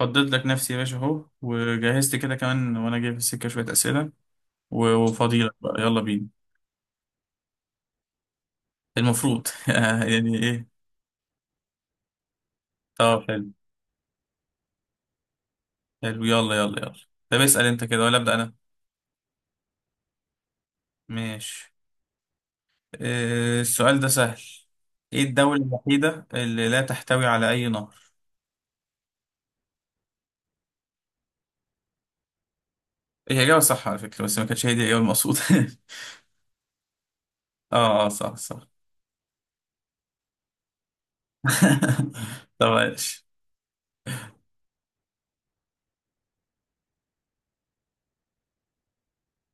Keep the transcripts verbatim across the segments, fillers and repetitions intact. فضيت لك نفسي يا باشا اهو، وجهزت كده كمان وانا جاي في السكه شويه اسئله و- وفضيلك بقى. يلا بينا. المفروض. يعني ايه؟ طب حلو حلو. يلا يلا يلا. طب اسال انت كده ولا ابدا انا؟ ماشي. آه، السؤال ده سهل. ايه الدوله الوحيده اللي لا تحتوي على اي نهر؟ هي اجابه صح على فكره، بس ما كانتش هي دي الاجابه المقصوده. اه اه، صح صح. طب ماشي.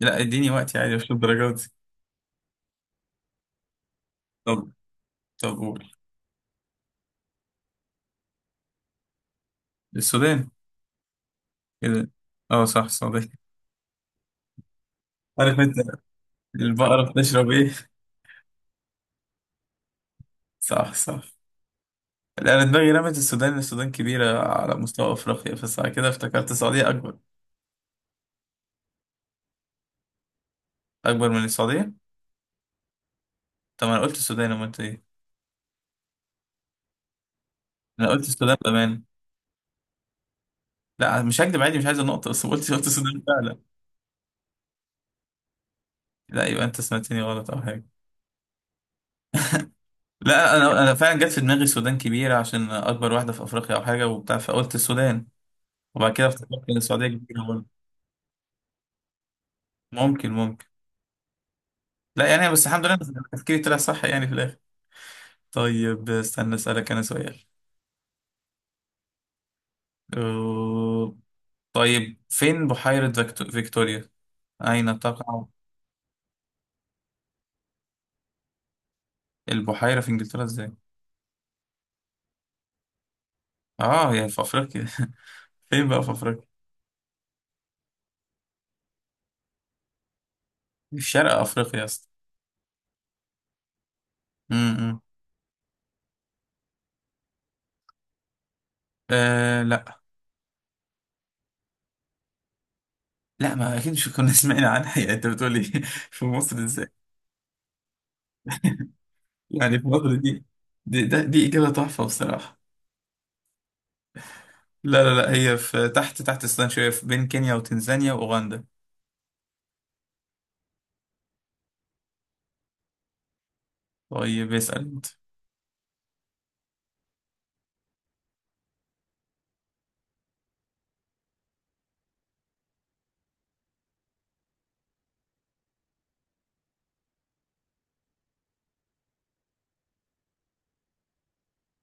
لا اديني وقتي عادي، مش الدرجات دي. طب. طب قول السودان. كده. اه صح، السودان. عارف انت البقرة بتشرب ايه؟ صح صح. لا، انا دماغي رمت السودان. السودان كبيرة على مستوى افريقيا، بس بعد كده افتكرت السعودية اكبر. اكبر من السعودية؟ طب ما انا قلت السودان، امال انت ايه؟ انا قلت السودان بامان. لا مش هكدب عادي، مش عايز النقطة، بس قلت قلت السودان فعلا. لا يبقى انت سمعتني غلط او حاجة. لا انا انا فعلا جت في دماغي السودان كبيرة عشان اكبر واحدة في افريقيا او حاجة وبتاع، فقلت السودان. وبعد كده افتكرت ان السعودية كبيرة برضه. ممكن ممكن. لا يعني، بس الحمد لله تفكيري طلع صح يعني في الاخر. طيب استنى اسألك انا سؤال. أه... طيب فين بحيرة فيكتو- فيكتوريا؟ أين تقع؟ البحيرة في إنجلترا إزاي؟ آه هي في أفريقيا. فين بقى في أفريقيا؟ في شرق أفريقيا يا اسطى. امم. آه لا. لا ما أكيد، مش كنا سمعنا عنها يعني، أنت بتقولي في مصر إزاي؟ يعني في مصر دي؟ دي, ده دي إجابة تحفة بصراحة. لا لا لا، هي في تحت تحت السودان شوية، في بين كينيا وتنزانيا وأوغندا. طيب اسأل أنت.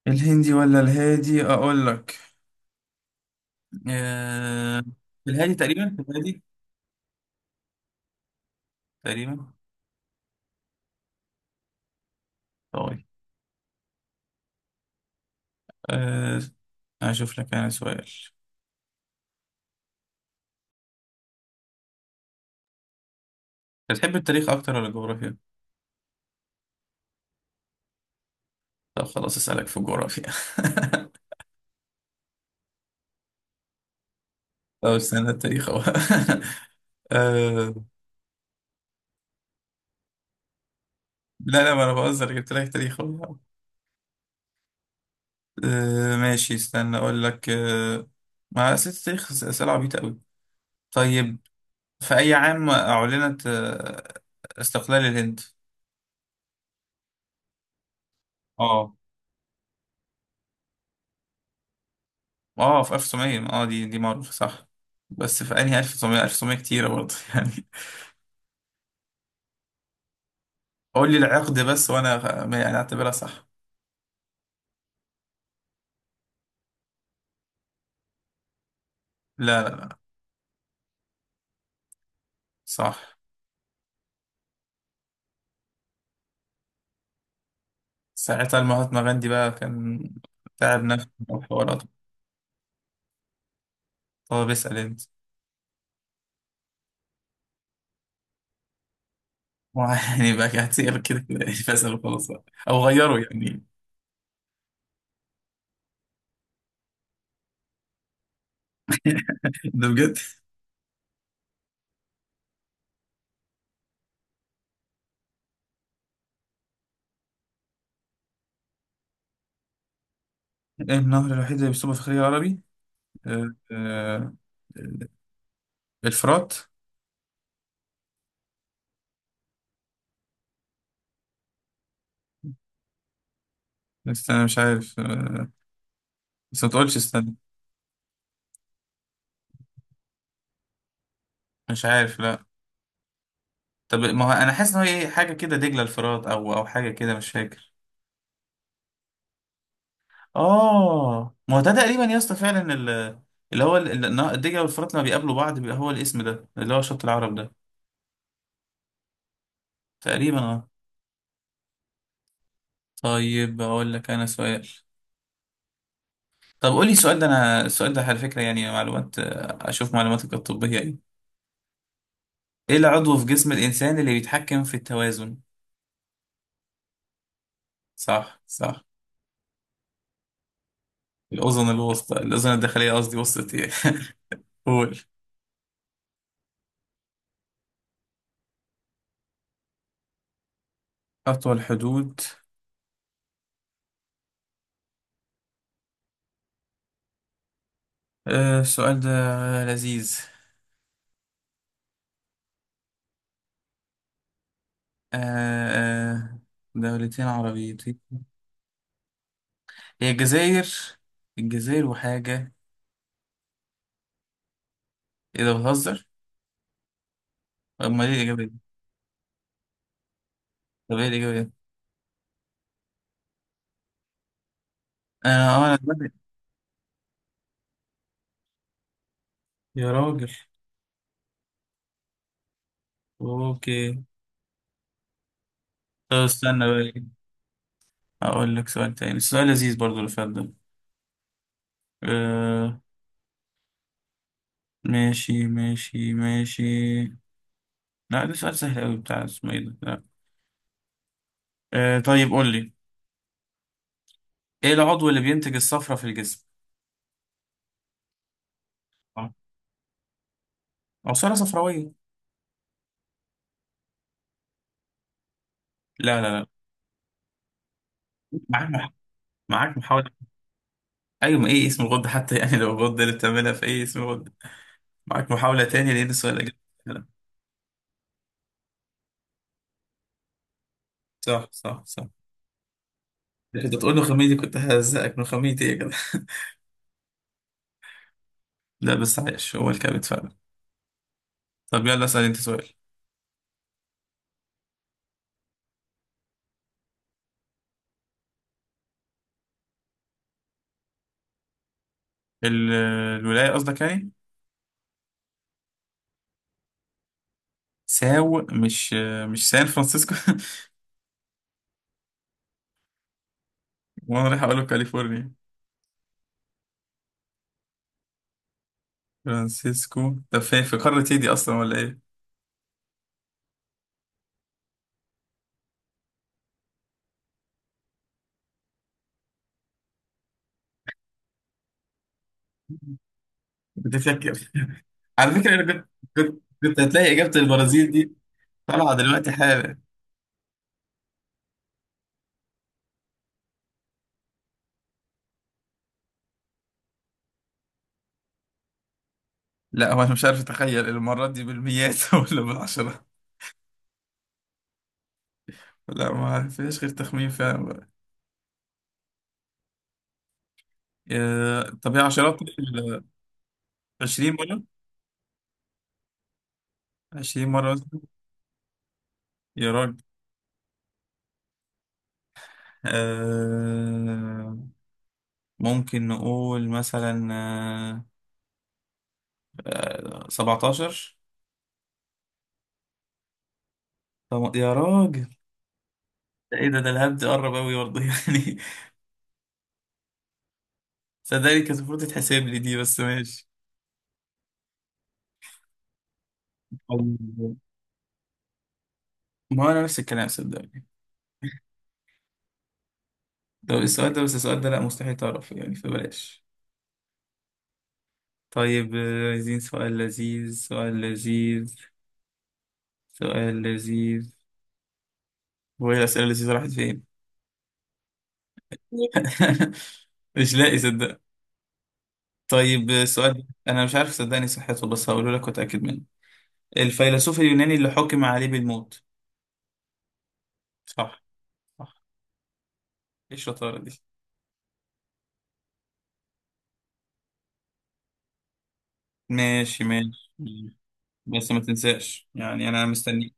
الهندي ولا الهادي أقول لك. آه... الهادي، تقريبا الهادي. تقريبا. طيب. أه أشوف لك أنا سؤال. بتحب التاريخ أكتر ولا الجغرافيا؟ طب خلاص أسألك في الجغرافيا. طب استنى، التاريخ أهو. أه لا. لا ما أنا بهزر، جبت لك تاريخ أهو. أه ماشي، استنى أقول لك. أه، ما أسئلة التاريخ أس- أسئلة عبيطة أوي. طيب، في أي عام أعلنت آه، استقلال الهند؟ أه أه، في ألف وتسعمائة. أه دي دي معروفة صح. بس في أنهي ألف وتسعمية؟ ألف وتسعمية كتيرة برضه يعني. قول لي العقد بس وانا غ- يعني اعتبرها صح. لا لا لا. صح. ساعتها المهاتما غاندي بقى كان تعب نفسه وحوارات. طب اسال انت. يعني بقى هتسير كده كده يعني، فاسال وخلاص بقى، او غيره يعني. ده بجد. النهر الوحيد اللي بيصب في الخليج العربي. آه، آه، الفرات. استنى، مش عارف. آه، بس ما تقولش استنى. مش عارف لا. طب ما هو انا حاسس ان هو إيه، حاجه كده، دجله الفرات او او حاجه كده، مش فاكر. اه ما هو ده تقريبا يا اسطى فعلا، ال- اللي هو ال- ال- الدجله والفرات لما بيقابلوا بعض بيبقى هو الاسم ده، اللي هو شط العرب ده. تقريبا اه. طيب اقول لك انا سؤال. طب قول لي السؤال ده. انا السؤال ده على فكره يعني معلومات، آه، اشوف معلوماتك الطبيه ايه. ايه العضو في جسم الانسان اللي بيتحكم في التوازن؟ صح صح. الاذن الوسطى، الاذن الداخليه قصدي. وسطى ايه؟ قول. اطول حدود. آه السؤال ده لذيذ. آه آه دولتين عربيتين. هي الجزائر. الجزائر وحاجة. ايه ده، بتهزر؟ امال ايه الإجابة دي؟ طب ايه الإجابة دي؟ انا اه انا دلوقتي. يا راجل. اوكي. طب استنى بقى. اقول لك سؤال تاني. السؤال لذيذ برضو اللي فات ده. آه ماشي ماشي ماشي. لا ده سؤال سهل قوي بتاع اسمه ايه ده. لا. آه طيب قول لي. ايه العضو اللي بينتج الصفرة في الجسم؟ آه، عصارة صفراوية. لا لا لا. معاك مح... معاك محاولة. ايوه، ما ايه اسم الغدة حتى يعني، لو الغدة اللي بتعملها في ايه، اسم الغدة؟ معاك محاولة تانية، لأن السؤال إجابة فعلا. صح صح صح. كنت تقول له خميني دي كنت ههزقك من خمينتي، إيه كده. لا بس عايش هو الكابت فعلا. طب يلا اسأل أنت سؤال. ال- الولاية قصدك يعني. ساو مش، مش سان فرانسيسكو؟ وأنا رايح أقوله كاليفورنيا. فرانسيسكو، طب فين في قارة إيه دي أصلا ولا إيه؟ بتفكر. على فكرة أنا كنت كنت كنت هتلاقي إجابة البرازيل دي طالعة دلوقتي حالا. لا هو أنا مش عارف أتخيل المرات دي بالمئات ولا بالعشرة. لا ما فيهاش غير تخمين فعلا. آه، طب هي عشرات ال- عشرين مرة. عشرين مرة مثلا. يا راجل. آه، ممكن نقول مثلا آه، آه، سبعتاشر. طب يا راجل. ده ايه ده، ده الهبد دي قرب اوي برضه يعني. صدقني كانت المفروض تتحسب لي دي، بس ماشي. طيب. ما هو انا نفس الكلام صدقني. لو السؤال ده، بس السؤال ده لا، مستحيل تعرف يعني فبلاش. طيب آه، عايزين سؤال لذيذ، سؤال لذيذ، سؤال لذيذ. وهي الأسئلة اللذيذة راحت فين؟ مش لاقي صدق. طيب سؤال انا مش عارف صدقني صحته، بس هقوله لك واتاكد منه. الفيلسوف اليوناني اللي حكم عليه بالموت؟ صح. صح. ايه الشطاره دي. ماشي ماشي. بس ما تنساش يعني، انا مستني.